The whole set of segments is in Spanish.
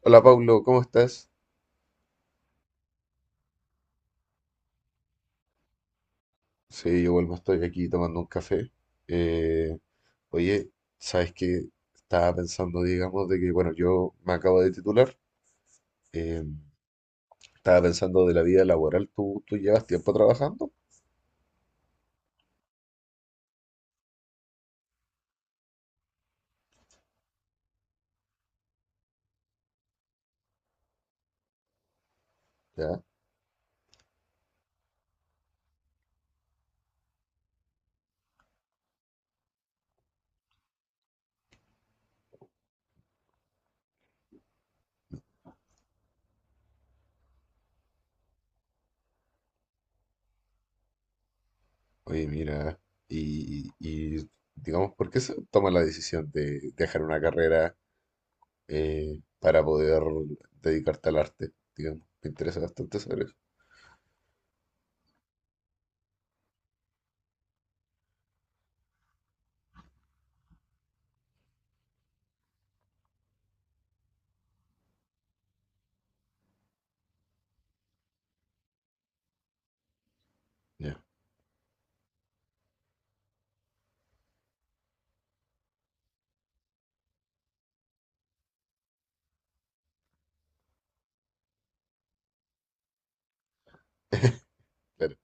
Hola Pablo, ¿cómo estás? Sí, yo vuelvo, estoy aquí tomando un café. Eh, oye, ¿sabes qué? Estaba pensando, digamos, de que, bueno, yo me acabo de titular. eh, Estaba pensando de la vida laboral. ¿Tú llevas tiempo trabajando? Ya. Oye, mira, y, y, digamos, ¿por qué se toma la decisión de dejar una carrera para poder dedicarte al arte? Digamos, me interesa bastante saber eso. Ya, claro.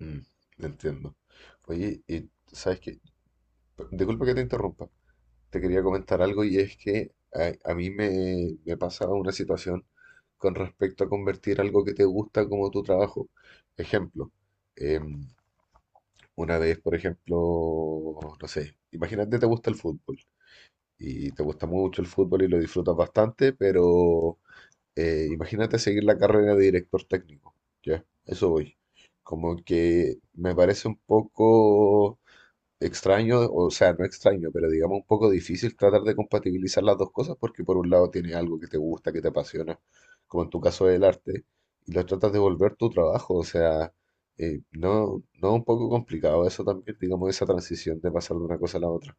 Mm, entiendo. Oye, y ¿sabes qué? Disculpa que te interrumpa. Te quería comentar algo y es que a mí me pasa una situación con respecto a convertir algo que te gusta como tu trabajo. Ejemplo, em, una vez, por ejemplo, no sé, imagínate te gusta el fútbol y te gusta mucho el fútbol y lo disfrutas bastante, pero imagínate seguir la carrera de director técnico. Ya, eso voy. Como que me parece un poco extraño, o sea, no extraño, pero digamos un poco difícil tratar de compatibilizar las dos cosas porque por un lado tienes algo que te gusta, que te apasiona, como en tu caso del arte, y lo tratas de volver tu trabajo, o sea, no un poco complicado eso también, digamos, esa transición de pasar de una cosa a la otra.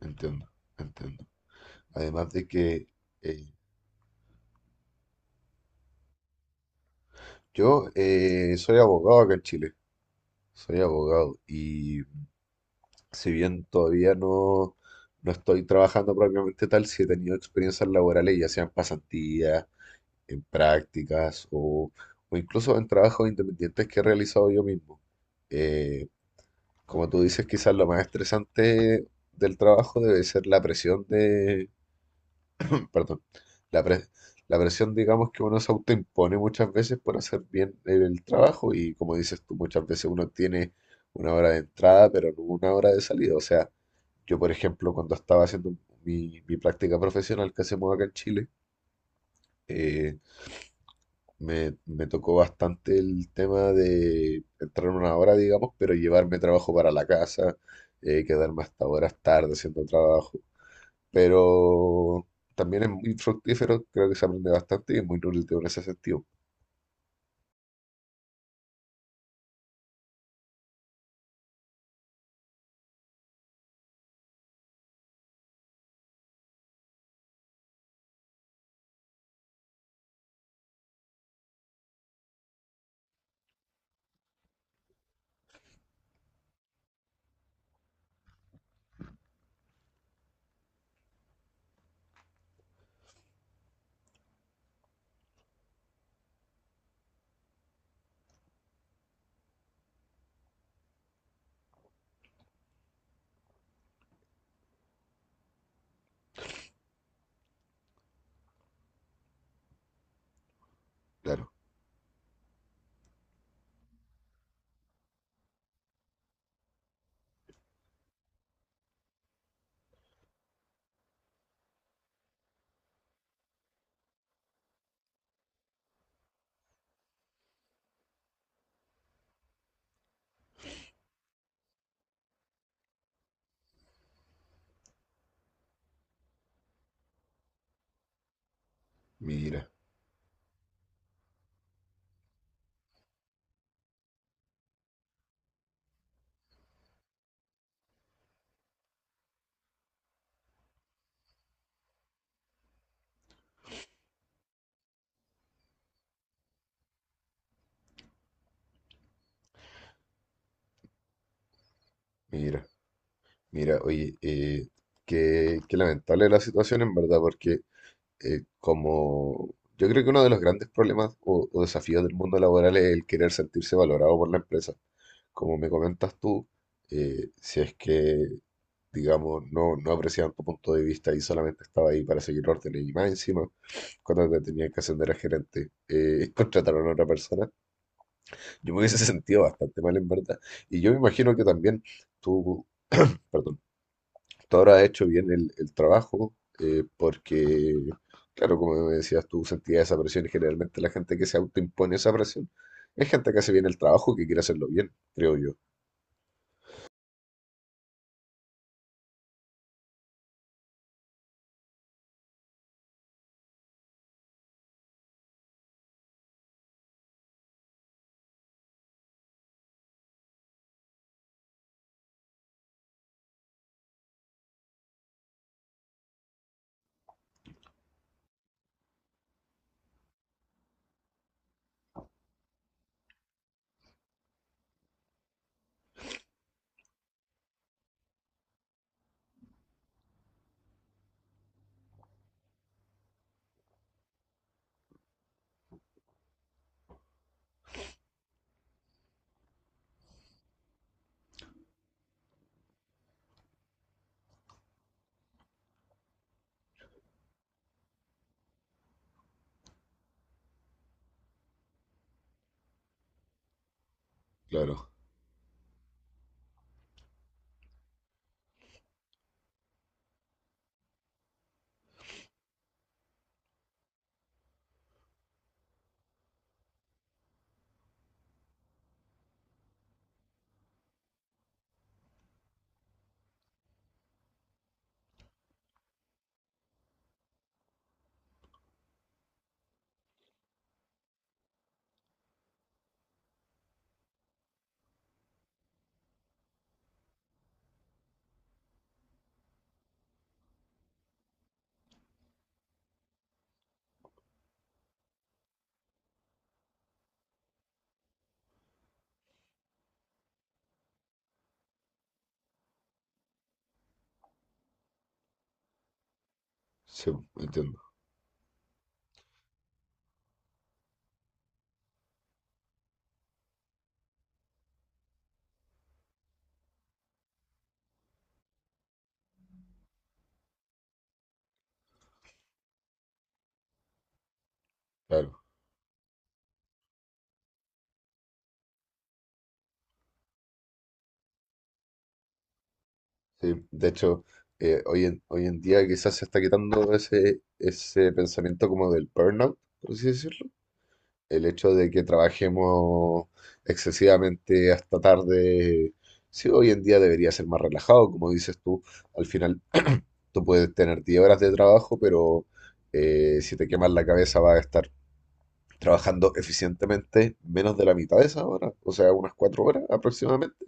Entiendo, entiendo. Además de que eh, yo soy abogado acá en Chile, soy abogado y si bien todavía no, no estoy trabajando propiamente tal, sí he tenido experiencias laborales, ya sean pasantías, en prácticas o incluso en trabajos independientes que he realizado yo mismo. Eh, Como tú dices, quizás lo más estresante del trabajo debe ser la presión, perdón, la, pre- la presión, digamos, que uno se autoimpone muchas veces por hacer bien el trabajo y como dices tú, muchas veces uno tiene una hora de entrada, pero no una hora de salida. O sea, yo, por ejemplo, cuando estaba haciendo mi práctica profesional que hacemos acá en Chile, eh, me tocó bastante el tema de entrar una hora, digamos, pero llevarme trabajo para la casa, quedarme hasta horas tarde haciendo trabajo, pero también es muy fructífero, creo que se aprende bastante y es muy nutritivo en ese sentido. Claro, mira, mira, oye, qué, qué lamentable la situación en verdad, porque como yo creo que uno de los grandes problemas o desafíos del mundo laboral es el querer sentirse valorado por la empresa. Como me comentas tú, si es que, digamos, no, no apreciaban tu punto de vista y solamente estaba ahí para seguir órdenes y más encima, cuando te tenían que ascender a gerente, contrataron a otra persona, yo me hubiese sentido bastante mal en verdad. Y yo me imagino que también tú, perdón, tú habrás hecho bien el trabajo porque... Claro, como me decías, tú sentías esa presión y generalmente la gente que se autoimpone esa presión es gente que hace bien el trabajo, que quiere hacerlo bien, creo yo. Claro. Sí, entiendo, claro. Sí, de hecho, hoy en día quizás se está quitando ese, ese pensamiento como del burnout, por así decirlo. El hecho de que trabajemos excesivamente hasta tarde, sí, hoy en día debería ser más relajado, como dices tú. Al final, tú puedes tener 10 horas de trabajo, pero si te quemas la cabeza vas a estar trabajando eficientemente menos de la mitad de esa hora, o sea, unas 4 horas aproximadamente.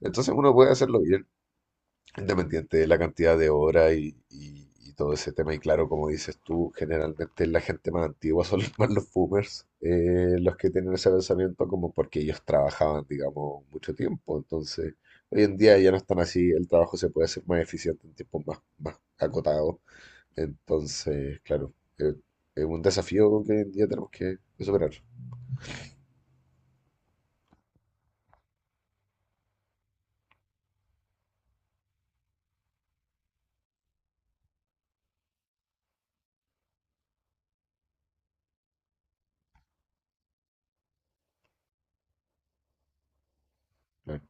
Entonces uno puede hacerlo bien, independiente de la cantidad de horas y, y todo ese tema. Y claro, como dices tú, generalmente la gente más antigua son más los boomers, los que tienen ese pensamiento como porque ellos trabajaban, digamos, mucho tiempo. Entonces, hoy en día ya no están así, el trabajo se puede hacer más eficiente en tiempos más, más acotados. Entonces, claro, eh, es un desafío que hoy en día tenemos que superar. Claro,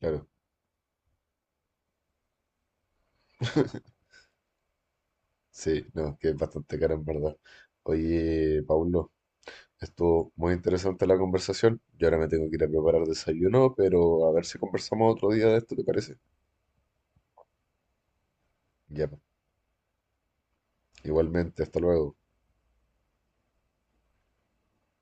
claro. Sí, no, que es bastante caro en verdad. Oye, Paulo. Estuvo muy interesante la conversación. Yo ahora me tengo que ir a preparar desayuno, pero a ver si conversamos otro día de esto, ¿te parece? Ya, pues. Igualmente, hasta luego.